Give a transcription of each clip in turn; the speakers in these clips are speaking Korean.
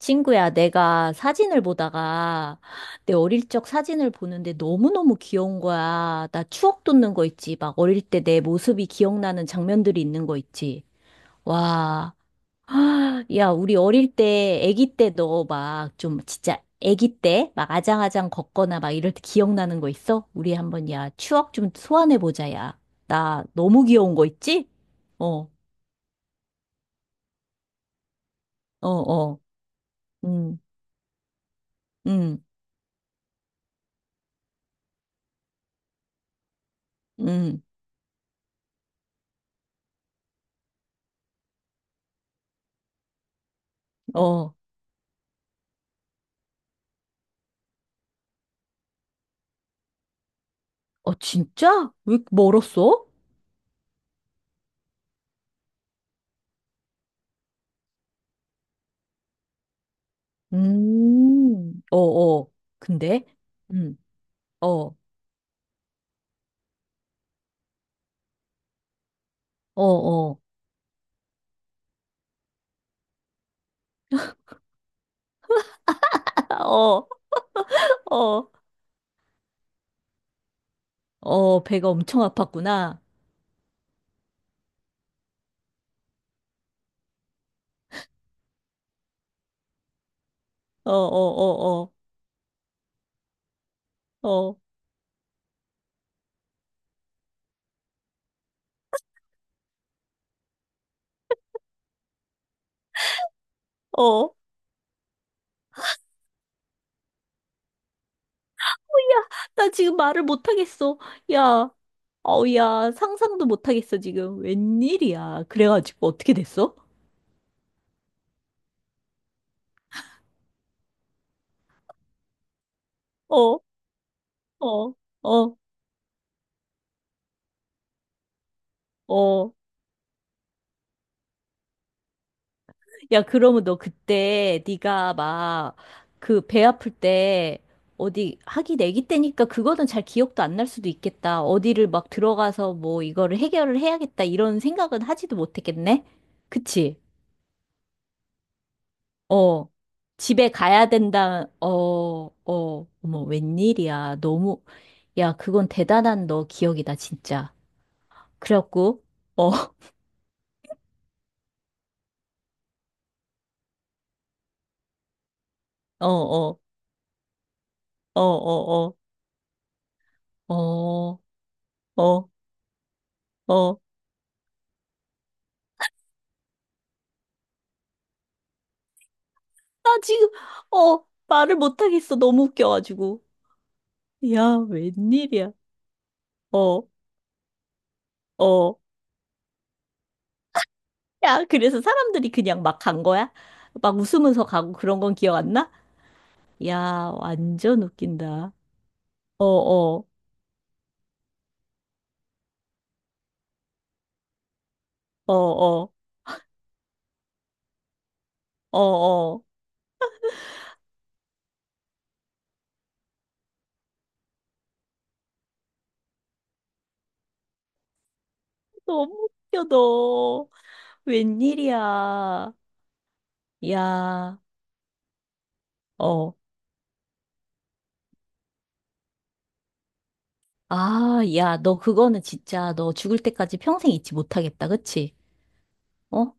친구야, 내가 사진을 보다가 내 어릴 적 사진을 보는데 너무너무 귀여운 거야. 나 추억 돋는 거 있지. 막 어릴 때 내 모습이 기억나는 장면들이 있는 거 있지. 와. 아, 야, 우리 어릴 때, 아기 때 너 막 좀 진짜 아기 때 막 아장아장 걷거나 막 이럴 때 기억나는 거 있어? 우리 한번 야, 추억 좀 소환해 보자, 야. 나 너무 귀여운 거 있지? 어, 어, 어. 음, 음, 음, 어. 어, 진짜? 왜 이렇게 멀었어? 어, 어. 근데? 음, 어, 어, 어. 어, 어, 어, 배가 엄청 아팠구나. 어, 어, 어, 어, 어, 어. 나 지금 말을 못하겠어. 야, 어, 야, 상상도 못하겠어, 지금. 웬일이야. 그래가지고 어떻게 됐어? 어, 어, 어, 어. 야, 그러면 너 그때 네가 막 그 배 아플 때 어디 하기 내기 때니까 그거는 잘 기억도 안 날 수도 있겠다. 어디를 막 들어가서 뭐 이거를 해결을 해야겠다 이런 생각은 하지도 못했겠네. 그치? 어. 집에 가야 된다. 어, 어. 어머, 웬일이야. 너무 야, 그건 대단한 너 기억이다, 진짜. 그래갖고 어, 어, 어, 어, 어, 어, 어, 어, 어. 지금, 어, 말을 못하겠어. 너무 웃겨가지고. 야, 웬일이야. 어, 어. 야, 그래서 사람들이 그냥 막 간 거야? 막 웃으면서 가고 그런 건 기억 안 나? 야, 완전 웃긴다. 어, 어, 어, 어, 어, 어. 너무 웃겨, 너. 웬일이야. 야, 어. 아, 야, 너 그거는 진짜 너 죽을 때까지 평생 잊지 못하겠다. 그치? 어?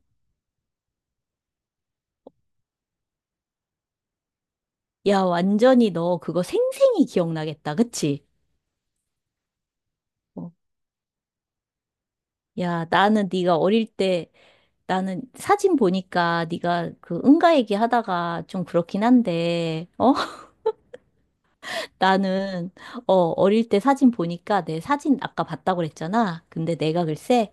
야, 완전히 너 그거 생생히 기억나겠다. 그치? 어, 야, 나는 네가 어릴 때 나는 사진 보니까 네가 그 응가 얘기하다가 좀 그렇긴 한데 어 나는 어 어릴 때 사진 보니까 내 사진 아까 봤다고 그랬잖아. 근데 내가 글쎄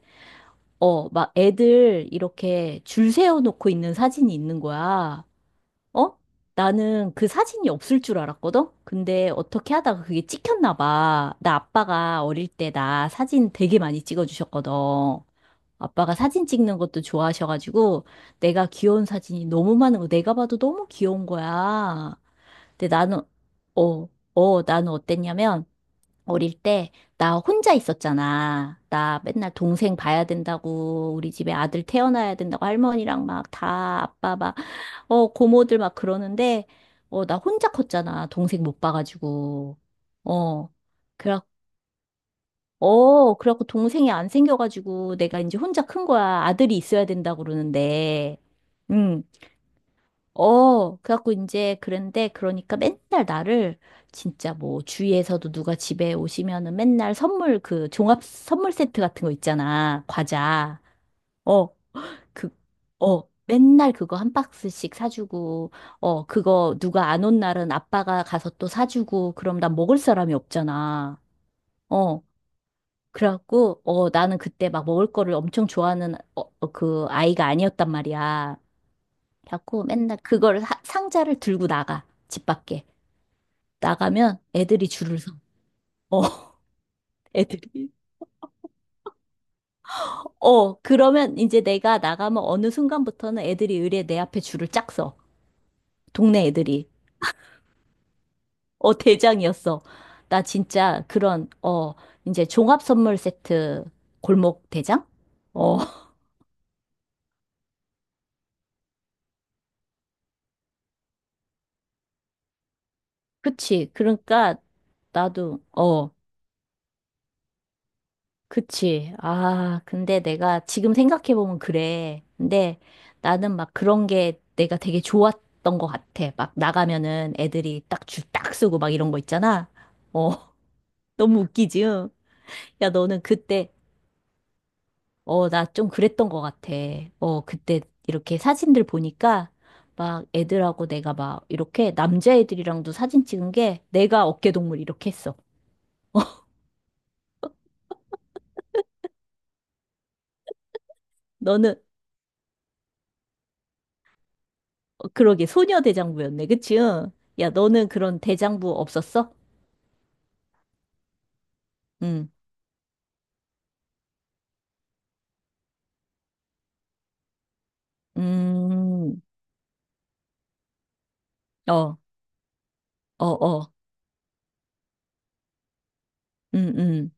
어 막 애들 이렇게 줄 세워 놓고 있는 사진이 있는 거야. 어? 나는 그 사진이 없을 줄 알았거든? 근데 어떻게 하다가 그게 찍혔나 봐. 나 아빠가 어릴 때 나 사진 되게 많이 찍어주셨거든. 아빠가 사진 찍는 것도 좋아하셔가지고 내가 귀여운 사진이 너무 많은 거 내가 봐도 너무 귀여운 거야. 근데 나는 어, 어, 나는 어땠냐면 어릴 때 나 혼자 있었잖아. 나 맨날 동생 봐야 된다고 우리 집에 아들 태어나야 된다고 할머니랑 막 다 아빠 막 어, 고모들 막 그러는데 어, 나 혼자 컸잖아. 동생 못 봐가지고. 어. 그래 어, 그래갖고 동생이 안 생겨가지고 내가 이제 혼자 큰 거야. 아들이 있어야 된다고 그러는데. 응. 어, 그래갖고 이제 그런데 그러니까 맨날 나를 진짜 뭐 주위에서도 누가 집에 오시면은 맨날 선물 그 종합 선물 세트 같은 거 있잖아. 과자. 어, 그, 어. 맨날 그거 한 박스씩 사주고, 어, 그거 누가 안 온 날은 아빠가 가서 또 사주고, 그럼 난 먹을 사람이 없잖아. 어. 그래갖고, 어, 나는 그때 막 먹을 거를 엄청 좋아하는 어, 어, 그 아이가 아니었단 말이야. 그래갖고 맨날 그걸 상자를 들고 나가. 집 밖에. 나가면 애들이 줄을 서. 어, 애들이. 어, 그러면 이제 내가 나가면 어느 순간부터는 애들이 의례 내 앞에 줄을 짝 서. 동네 애들이. 어, 대장이었어. 나 진짜 그런, 어, 이제 종합 선물 세트 골목 대장? 어, 그치. 그러니까 나도, 어. 그치. 아, 근데 내가 지금 생각해보면 그래. 근데 나는 막 그런 게 내가 되게 좋았던 것 같아. 막 나가면은 애들이 딱 줄 딱 쓰고 막 이런 거 있잖아. 어, 너무 웃기지? 응? 야, 너는 그때, 어, 나 좀 그랬던 것 같아. 어, 그때 이렇게 사진들 보니까 막 애들하고 내가 막 이렇게 남자애들이랑도 사진 찍은 게 내가 어깨동물 이렇게 했어. 너는, 어, 그러게 소녀 대장부였네. 그치? 응? 야, 너는 그런 대장부 없었어? 음, 음, 어, 어, 어, 음, 음,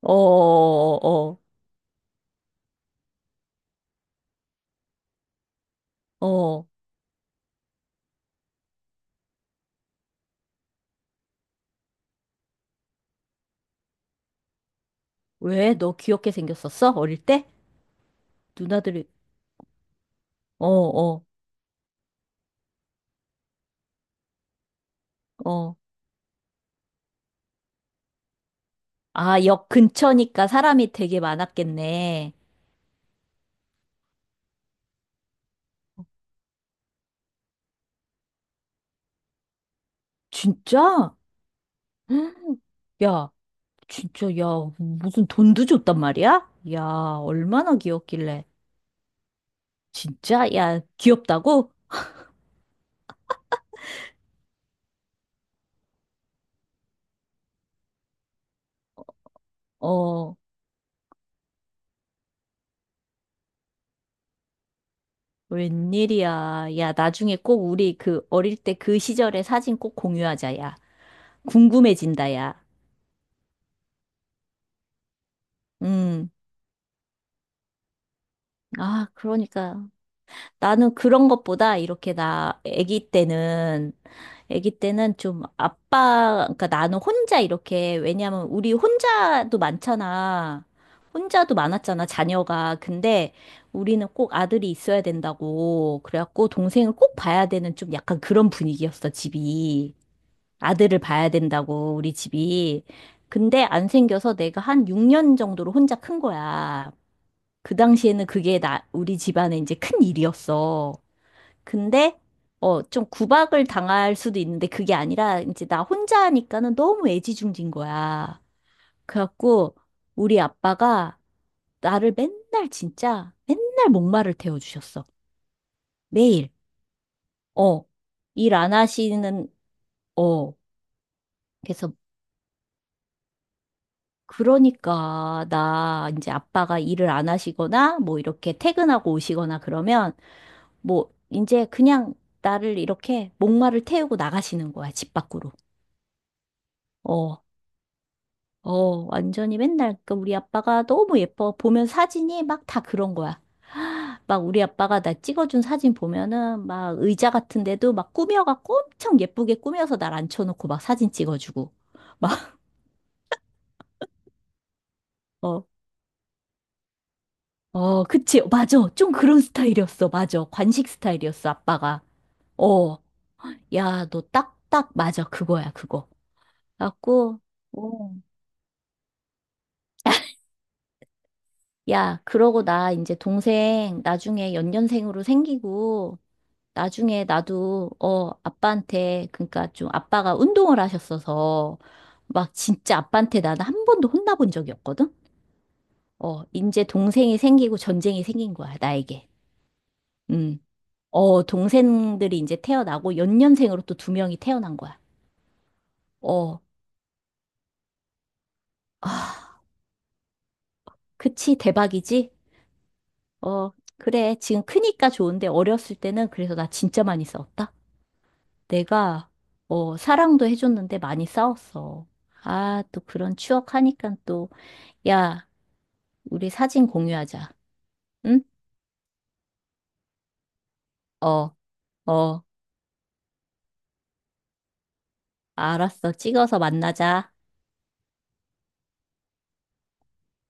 어, 어, 어, 어. 왜? 너 귀엽게 생겼었어? 어릴 때? 누나들이, 어, 어, 어. 아, 역 근처니까 사람이 되게 많았겠네. 진짜? 헉, 야, 진짜, 야, 무슨 돈도 줬단 말이야? 야, 얼마나 귀엽길래. 진짜? 야, 귀엽다고? 어, 웬일이야. 야, 나중에 꼭 우리 그 어릴 때 그 시절의 사진 꼭 공유하자, 야. 궁금해진다, 야. 음. 아, 그러니까. 나는 그런 것보다 이렇게 나 아기 때는, 아기 때는 좀 아빠, 그러니까 나는 혼자 이렇게, 왜냐면 우리 혼자도 많잖아. 혼자도 많았잖아, 자녀가. 근데 우리는 꼭 아들이 있어야 된다고. 그래갖고 동생을 꼭 봐야 되는 좀 약간 그런 분위기였어, 집이. 아들을 봐야 된다고 우리 집이. 근데 안 생겨서 내가 한 6년 정도로 혼자 큰 거야. 그 당시에는 그게 나 우리 집안에 이제 큰 일이었어. 근데 어, 좀 구박을 당할 수도 있는데 그게 아니라 이제 나 혼자 하니까는 너무 애지중지인 거야. 그래갖고 우리 아빠가 나를 맨날 진짜 맨날 목마를 태워주셨어. 매일. 어. 일 안 하시는, 어. 그래서 그러니까 나 이제 아빠가 일을 안 하시거나 뭐 이렇게 퇴근하고 오시거나 그러면 뭐 이제 그냥 나를 이렇게 목마를 태우고 나가시는 거야 집 밖으로. 어, 어, 완전히 맨날 그 우리 아빠가 너무 예뻐 보면 사진이 막 다 그런 거야. 막 우리 아빠가 나 찍어준 사진 보면은 막 의자 같은 데도 막 꾸며갖고 엄청 예쁘게 꾸며서 날 앉혀놓고 막 사진 찍어주고 막 어 어, 그치. 맞아. 좀 그런 스타일이었어. 맞아. 관식 스타일이었어. 아빠가. 어. 야, 너 딱딱 맞아. 그거야, 그거. 갖고, 어. 야, 그러고 나 이제 동생 나중에 연년생으로 생기고, 나중에 나도, 어, 아빠한테, 그러니까 좀 아빠가 운동을 하셨어서, 막 진짜 아빠한테 나는 한 번도 혼나본 적이 없거든? 어, 이제 동생이 생기고 전쟁이 생긴 거야, 나에게. 음. 어, 동생들이 이제 태어나고 연년생으로 또 두 명이 태어난 거야. 어, 아, 그치, 대박이지? 어, 그래. 지금 크니까 좋은데 어렸을 때는 그래서 나 진짜 많이 싸웠다. 내가, 어, 사랑도 해줬는데 많이 싸웠어. 아, 또 그런 추억 하니까 또, 야, 우리 사진 공유하자. 응? 어, 어, 알았어. 찍어서 만나자.